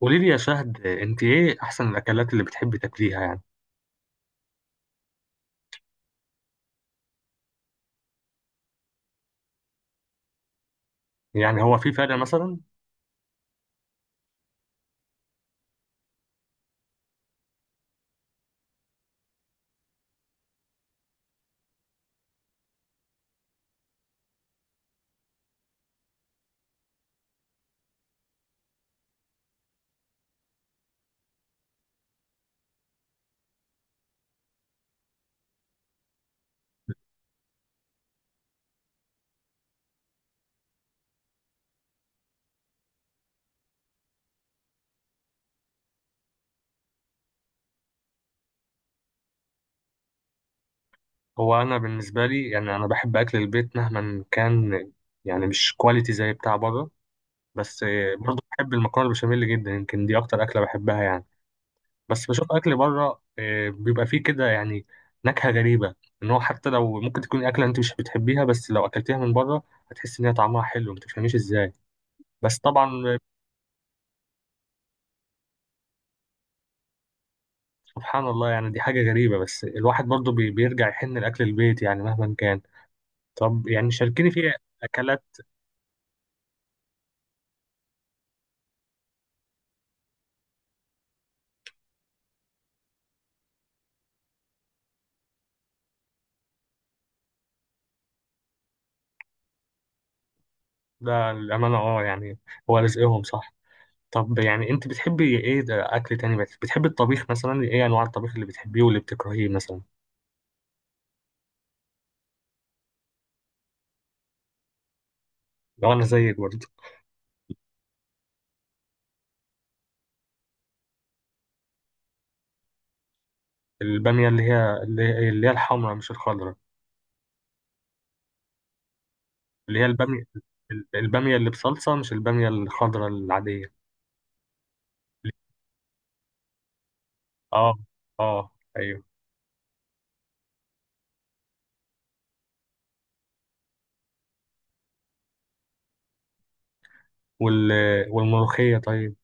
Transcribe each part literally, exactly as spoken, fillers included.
قولي لي يا شهد، انت ايه احسن الاكلات اللي بتحبي تاكليها يعني؟ يعني هو في فرق مثلا؟ هو انا بالنسبه لي يعني انا بحب اكل البيت مهما كان. يعني مش كواليتي زي بتاع بره، بس برضه بحب المكرونه البشاميل جدا، يمكن دي اكتر اكله بحبها يعني. بس بشوف اكل بره، اه، بيبقى فيه كده يعني نكهه غريبه. ان هو حتى لو ممكن تكون اكله انت مش بتحبيها، بس لو اكلتيها من بره هتحس ان هي طعمها حلو، ما تفهميش ازاي، بس طبعا. سبحان الله، يعني دي حاجة غريبة، بس الواحد برضو بي- بيرجع يحن لأكل البيت يعني مهما كان. طب يعني شاركيني في أكلات. ده الأمانة اه يعني، هو رزقهم صح. طب يعني أنت بتحبي إيه، ده أكل تاني، بت- بتحبي الطبيخ مثلا، إيه أنواع الطبيخ اللي بتحبيه واللي بتكرهيه مثلا؟ لو أنا زيك برضو. البامية اللي هي اللي اللي هي الحمراء مش الخضراء. اللي هي البامية. ال- البامية اللي بصلصة مش البامية الخضراء العادية. اه، اه، أيوه. وال والملوخية طيب.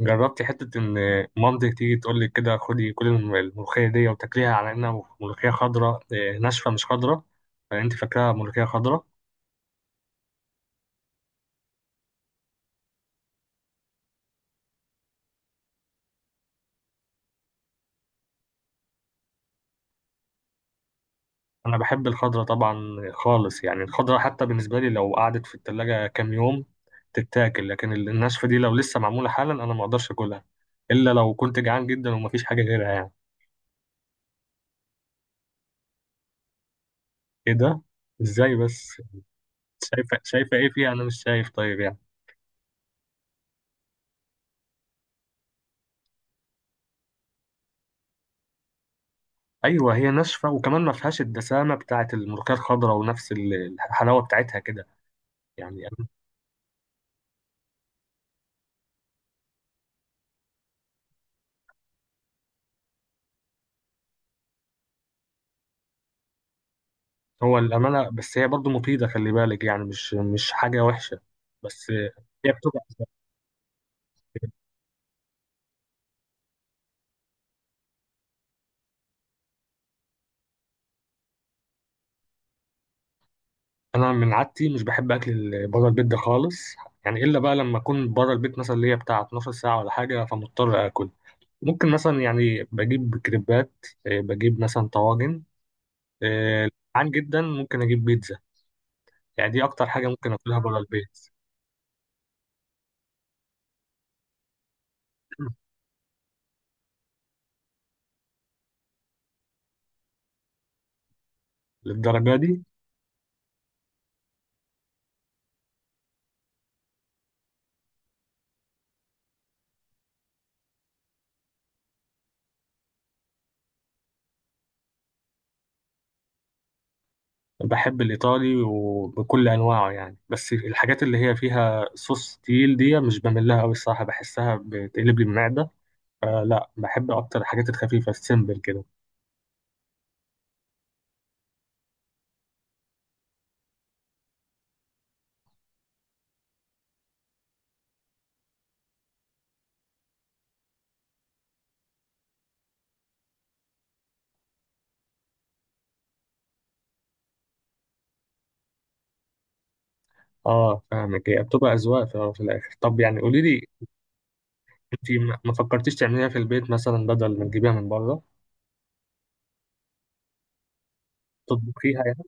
جربتي حتة إن مامتك تيجي تقول لك كده: خدي كل الم- الملوخية دي وتاكليها على إنها ملوخية خضراء، إيه، ناشفة مش خضراء، فأنت فاكراها ملوخية خضراء؟ أنا بحب الخضراء طبعا، خالص يعني. الخضراء حتى بالنسبة لي لو قعدت في التلاجة كام يوم تتاكل، لكن ال- الناشفة دي لو لسه معمولة حالا، أنا ما أقدرش أكلها إلا لو كنت جعان جدا ومفيش حاجة غيرها يعني. إيه ده؟ إزاي بس؟ شايفة شايفة إيه فيها؟ أنا مش شايف طيب يعني. ايوه هي ناشفه، وكمان ما فيهاش الدسامه بتاعه الملوخيه الخضراء ونفس ال- الحلاوه بتاعتها كده يعني. هو الامانه، بس هي برضو مفيده، خلي بالك، يعني مش مش حاجه وحشه، بس هي بتبقى. انا من عادتي مش بحب اكل بره البيت ده خالص، يعني الا بقى لما اكون بره البيت مثلا اللي هي بتاع اتناشر ساعه ولا حاجه، فمضطر اكل. ممكن مثلا يعني بجيب كريبات، آه، بجيب مثلا طواجن، آه، عن جدا ممكن اجيب بيتزا، يعني دي اكتر حاجه ممكن اكلها بره البيت. للدرجه دي؟ بحب الإيطالي وبكل أنواعه يعني، بس الحاجات اللي هي فيها صوص تقيل دي مش بميل لها أوي الصراحة، بحسها بتقلب لي المعدة، فلا بحب أكتر الحاجات الخفيفة السيمبل كده. اه فاهمك، هي بتبقى أذواق في في الآخر. طب يعني قولي لي، أنت ما ما فكرتيش تعمليها في البيت مثلا بدل ما تجيبيها من بره، تطبخيها يعني؟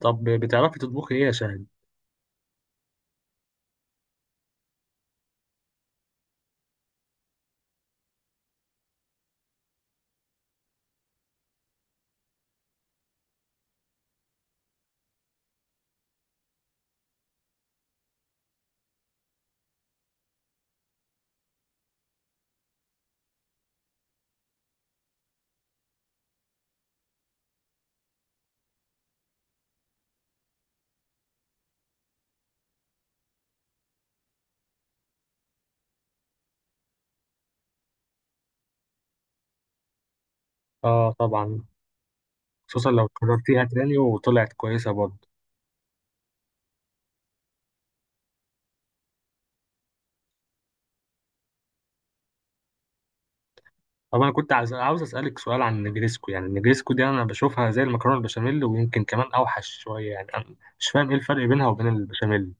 طب بتعرفي تطبخي إيه يا شاهد؟ اه طبعا، خصوصا لو قررتيها تاني وطلعت كويسة برضه. طب انا كنت عايز عاوز اسالك سؤال عن النجريسكو، يعني النجريسكو دي انا بشوفها زي المكرونه البشاميل، ويمكن كمان اوحش شويه يعني، انا مش فاهم ايه الفرق بينها وبين البشاميل.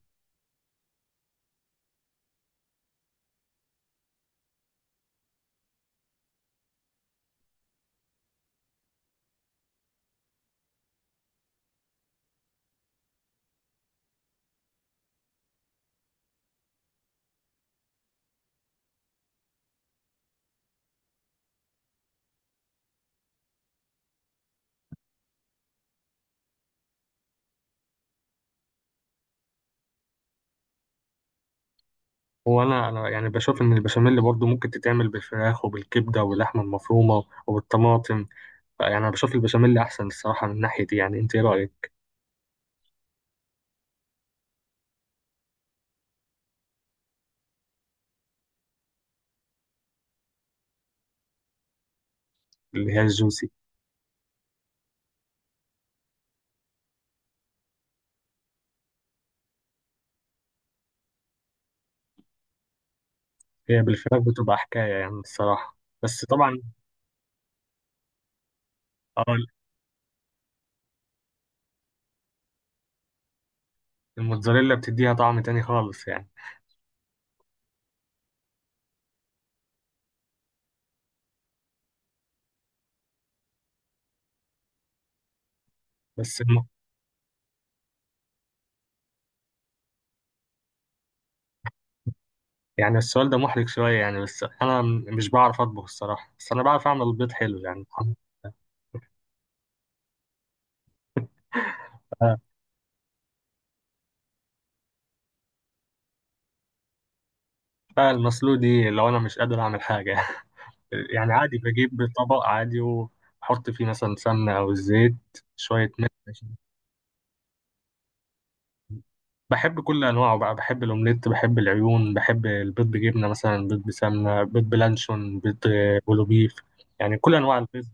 هو انا انا يعني بشوف ان البشاميل برضو ممكن تتعمل بالفراخ وبالكبده واللحمه المفرومه وبالطماطم. يعني انا بشوف البشاميل احسن الصراحه من ناحيه دي، يعني انت ايه رايك؟ اللي هي الجوسي. هي بالفراخ بتبقى حكايه يعني الصراحه، بس طبعا. اه، الموتزاريلا بتديها طعم تاني خالص يعني. بس يعني السؤال ده محرج شوية يعني، بس أنا م- مش بعرف أطبخ الصراحة، بس أنا بعرف أعمل البيض حلو يعني الحمد لله. المسلوق دي لو أنا مش قادر أعمل حاجة يعني عادي بجيب طبق عادي وأحط فيه مثلا سمنة أو الزيت، شوية ملح. بحب كل أنواعه بقى، بحب الأومليت، بحب العيون، بحب البيض بجبنة مثلا، بيض بسمنة، بيض بلانشون، بيض آه، بولو بيف، يعني كل أنواع البيض.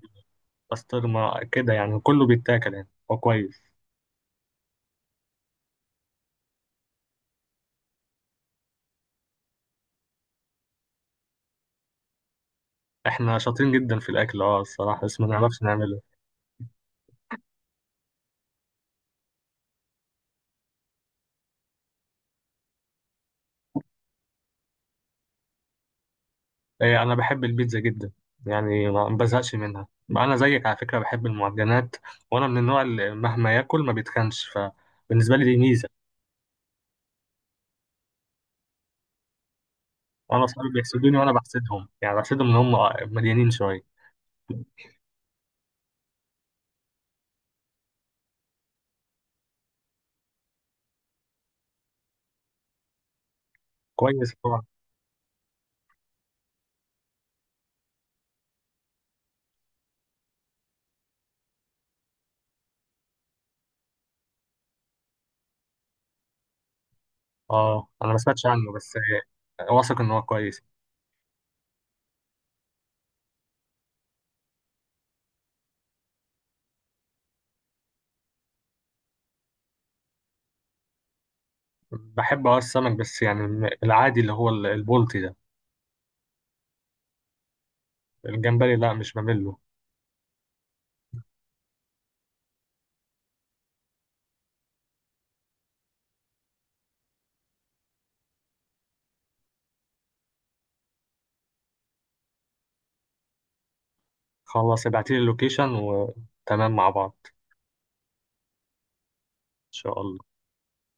بسطرمة كده، يعني كله بيتاكل، يعني هو كويس. احنا شاطرين جدا في الأكل اه الصراحة، بس ما نعرفش نعمله. إيه، أنا بحب البيتزا جدا يعني، ما ما بزهقش منها. أنا زيك على فكرة، بحب المعجنات. وأنا من النوع اللي مهما ياكل ما بيتخنش، فبالنسبة لي دي ميزة. وأنا أصحابي بيحسدوني، وأنا بحسدهم يعني، بحسدهم إن هم مليانين شوية. كويس طبعا. أه، أنا ما سمعتش عنه، بس إيه، واثق إن هو كويس. بحب أه السمك، بس يعني الم- العادي، اللي هو ال- البلطي ده. الجمبري لا، مش بمله. خلاص ابعتيلي اللوكيشن، وتمام مع بعض. إن شاء الله.